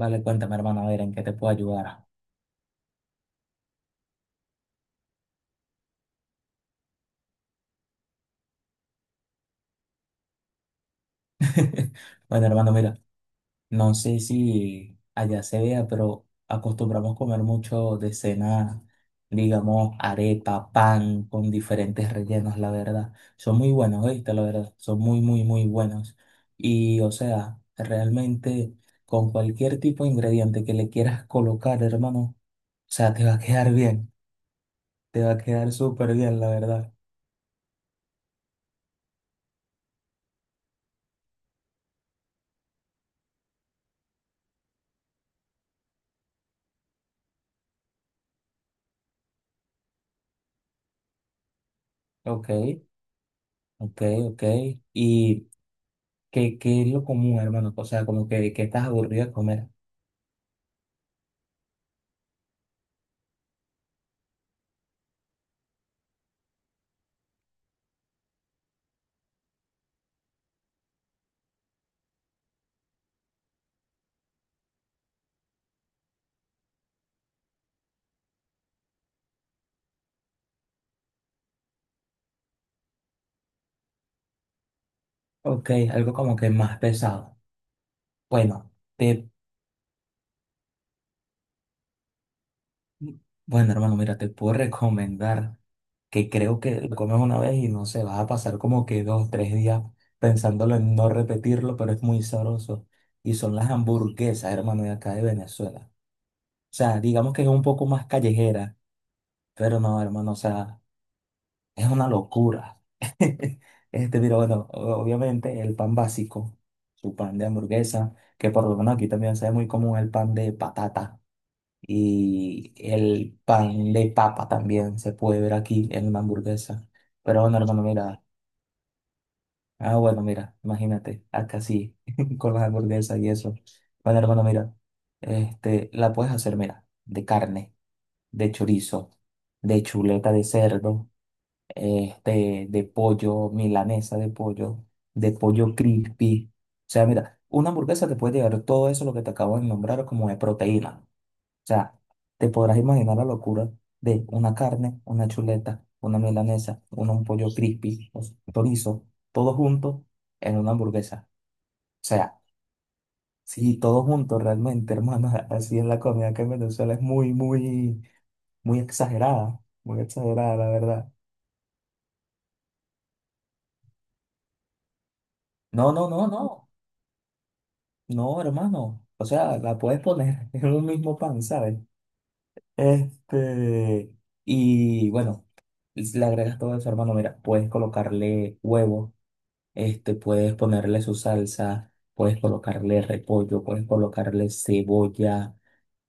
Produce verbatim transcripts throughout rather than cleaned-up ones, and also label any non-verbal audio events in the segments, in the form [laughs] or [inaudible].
Vale, cuéntame, hermano, a ver en qué te puedo ayudar. [laughs] Bueno, hermano, mira, no sé si allá se vea, pero acostumbramos comer mucho de cena, digamos, arepa, pan con diferentes rellenos, la verdad. Son muy buenos, ¿viste? La verdad, son muy, muy, muy buenos. Y, o sea, realmente con cualquier tipo de ingrediente que le quieras colocar, hermano, o sea, te va a quedar bien, te va a quedar súper bien, la verdad. Ok, ok, ok. Y. ¿Qué, qué es lo común, hermano? O sea, como que, que estás aburrido de comer. Ok, algo como que más pesado. Bueno, te, bueno, hermano, mira, te puedo [laughs] recomendar que creo que lo comes una vez y no sé, vas a pasar como que dos, tres días pensándolo en no repetirlo, pero es muy sabroso. Y son las hamburguesas, hermano, de acá de Venezuela. O sea, digamos que es un poco más callejera, pero no, hermano, o sea, es una locura. [laughs] Este, mira, bueno, o- obviamente el pan básico, su pan de hamburguesa, que por lo menos aquí también se ve muy común el pan de patata y el pan de papa también se puede ver aquí en una hamburguesa. Pero bueno, hermano, mira, ah, bueno, mira, imagínate, acá sí, [laughs] con las hamburguesas y eso. Bueno, hermano, mira, este, la puedes hacer, mira, de carne, de chorizo, de chuleta de cerdo, este, de pollo, milanesa de pollo, de pollo crispy. O sea, mira, una hamburguesa te puede llegar todo eso, lo que te acabo de nombrar, como de proteína. O sea, te podrás imaginar la locura de una carne, una chuleta, una milanesa, un, un pollo crispy, o sea, chorizo, todo junto en una hamburguesa. O sea, sí, todo junto realmente, hermano, [laughs] así es la comida que en Venezuela es muy, muy, muy exagerada, muy exagerada, la verdad. No, no, no, no. No, hermano, o sea, la puedes poner [laughs] en un mismo pan, ¿sabes? Este, y bueno, le agregas todo eso, hermano, mira, puedes colocarle huevo, este, puedes ponerle su salsa, puedes colocarle repollo, puedes colocarle cebolla,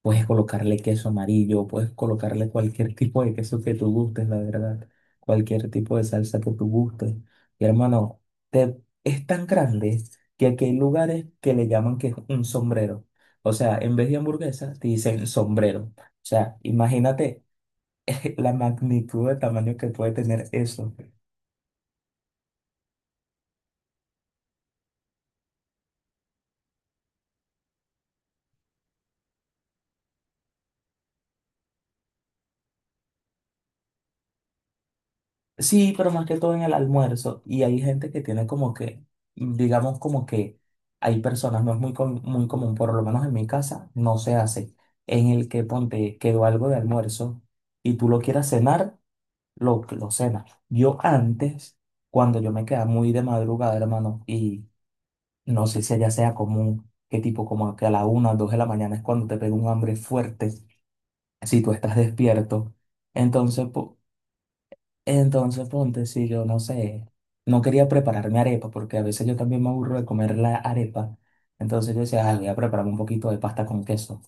puedes colocarle queso amarillo, puedes colocarle cualquier tipo de queso que tú gustes, la verdad. Cualquier tipo de salsa que tú gustes. Y hermano, te- es tan grande que aquí hay lugares que le llaman que es un sombrero. O sea, en vez de hamburguesa, te dicen sombrero. O sea, imagínate [laughs] la magnitud de tamaño que puede tener eso. Sí, pero más que todo en el almuerzo. Y hay gente que tiene como que, digamos como que hay personas, no es muy, com- muy común, por lo menos en mi casa, no se hace, en el que ponte quedó algo de almuerzo y tú lo quieras cenar, lo, lo cenas. Yo antes, cuando yo me quedaba muy de madrugada, hermano, y no sé si allá sea común, qué tipo como que a la una o dos de la mañana es cuando te pega un hambre fuerte, si tú estás despierto. Entonces, po- entonces, ponte, si yo no sé, no quería prepararme arepa, porque a veces yo también me aburro de comer la arepa. Entonces yo decía, "Ay, voy a prepararme un poquito de pasta con queso.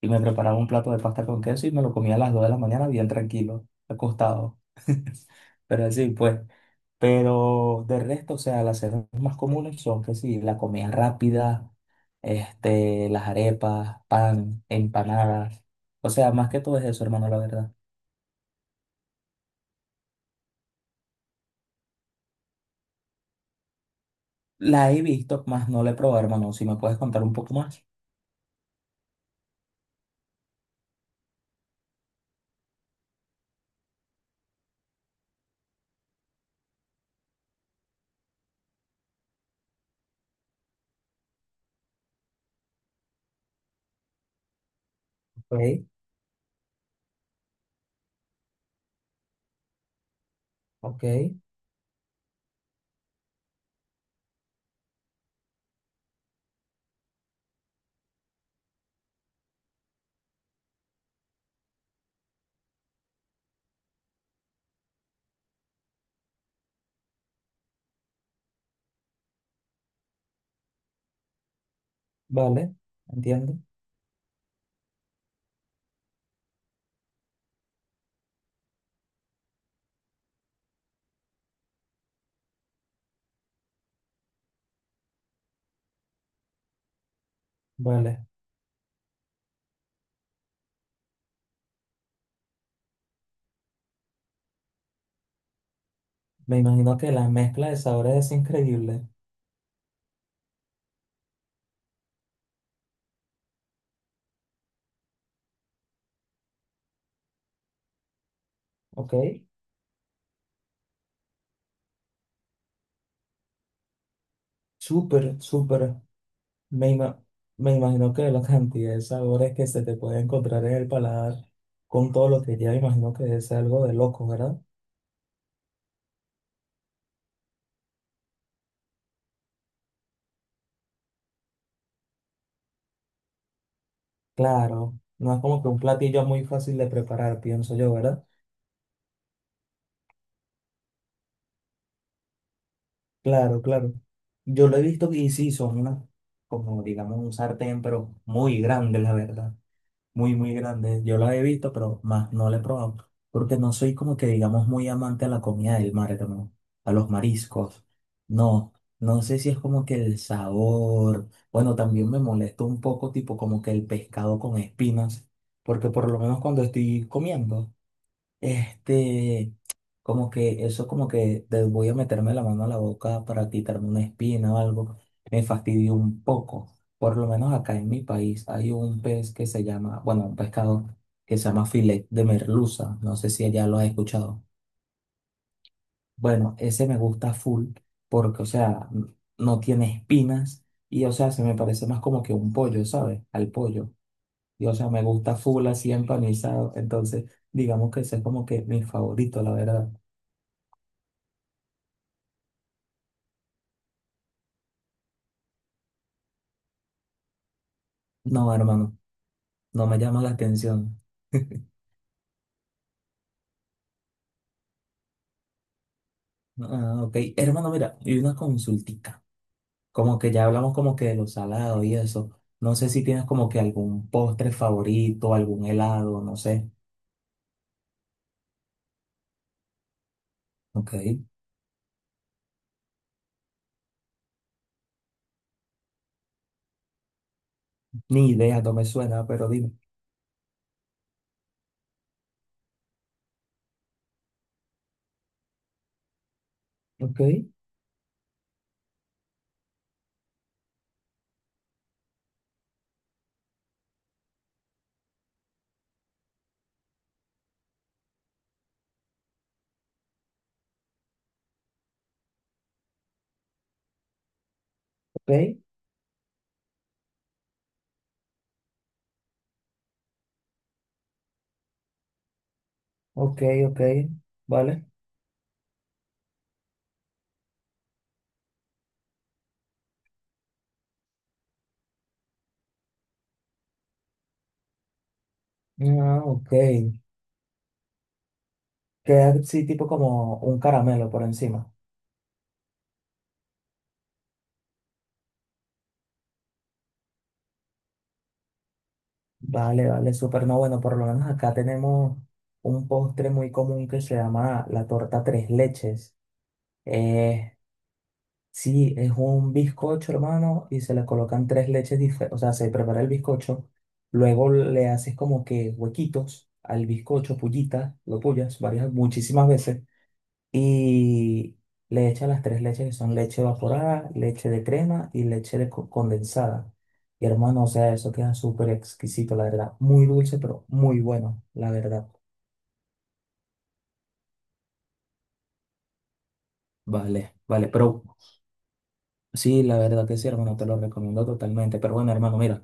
Y me preparaba un plato de pasta con queso y me lo comía a las dos de la mañana bien tranquilo, acostado. [laughs] Pero así pues. Pero de resto, o sea, las cenas más comunes son que sí, la comida rápida, este, las arepas, pan, empanadas. O sea, más que todo es eso, hermano, la verdad. La he visto, más no la he probado, hermano. Si me puedes contar un poco más. Ok, ok, vale, entiendo, vale. Me imagino que la mezcla de sabores es increíble, ok. Súper, súper. Me, ima- me imagino que la [laughs] cantidad de sabores que se te puede encontrar en el paladar con todo lo que ya imagino que es algo de loco, ¿verdad? Claro, no es como que un platillo muy fácil de preparar, pienso yo, ¿verdad? Claro, claro. Yo lo he visto y sí, son unas, como digamos, un sartén, pero muy grande, la verdad. Muy, muy grande. Yo la he visto, pero más no la he probado. Porque no soy como que, digamos, muy amante a la comida del mar, hermano, a los mariscos. No, no sé si es como que el sabor. Bueno, también me molesta un poco, tipo, como que el pescado con espinas. Porque por lo menos cuando estoy comiendo. Este, como que eso como que de- voy a meterme la mano a la boca para quitarme una espina o algo, me fastidió un poco. Por lo menos acá en mi país hay un pez que se llama, bueno, un pescado que se llama filet de merluza. No sé si allá lo has escuchado. Bueno, ese me gusta full porque, o sea, n- no tiene espinas y, o sea, se me parece más como que un pollo, ¿sabes? Al pollo. Y, o sea, me gusta full así empanizado. Entonces, digamos que ese es como que mi favorito, la verdad. No, hermano, no me llama la atención. [laughs] Ah, ok. Hermano, mira, y una consultica. Como que ya hablamos como que de los salados y eso. No sé si tienes como que algún postre favorito, algún helado, no sé. Ok. Ni idea, no me suena, pero dime. Ok, ok, ok, ok. Vale. Ah, ok. Queda así tipo como un caramelo por encima. Vale, vale, súper. No, bueno, por lo menos acá tenemos un postre muy común que se llama la torta tres leches. Eh, sí, es un bizcocho, hermano, y se le colocan tres leches diferentes. O sea, se prepara el bizcocho, luego le haces como que huequitos al bizcocho, pullitas, lo pullas varias, muchísimas veces, y le echas las tres leches que son leche evaporada, leche de crema y leche de co- condensada. Y hermano, o sea, eso queda súper exquisito, la verdad. Muy dulce, pero muy bueno, la verdad. Vale, vale, pero sí, la verdad que sí, hermano, te lo recomiendo totalmente. Pero bueno, hermano, mira,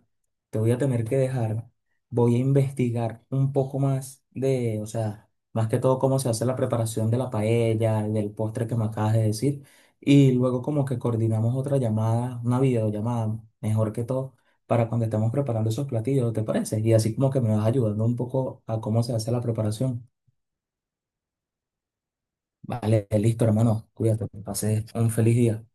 te voy a tener que dejar. Voy a investigar un poco más de, o sea, más que todo cómo se hace la preparación de la paella y del postre que me acabas de decir. Y luego como que coordinamos otra llamada, una videollamada, mejor que todo, para cuando estemos preparando esos platillos, ¿te parece? Y así como que me vas ayudando un poco a cómo se hace la preparación. Vale, listo, hermano. Cuídate, que pases un feliz día.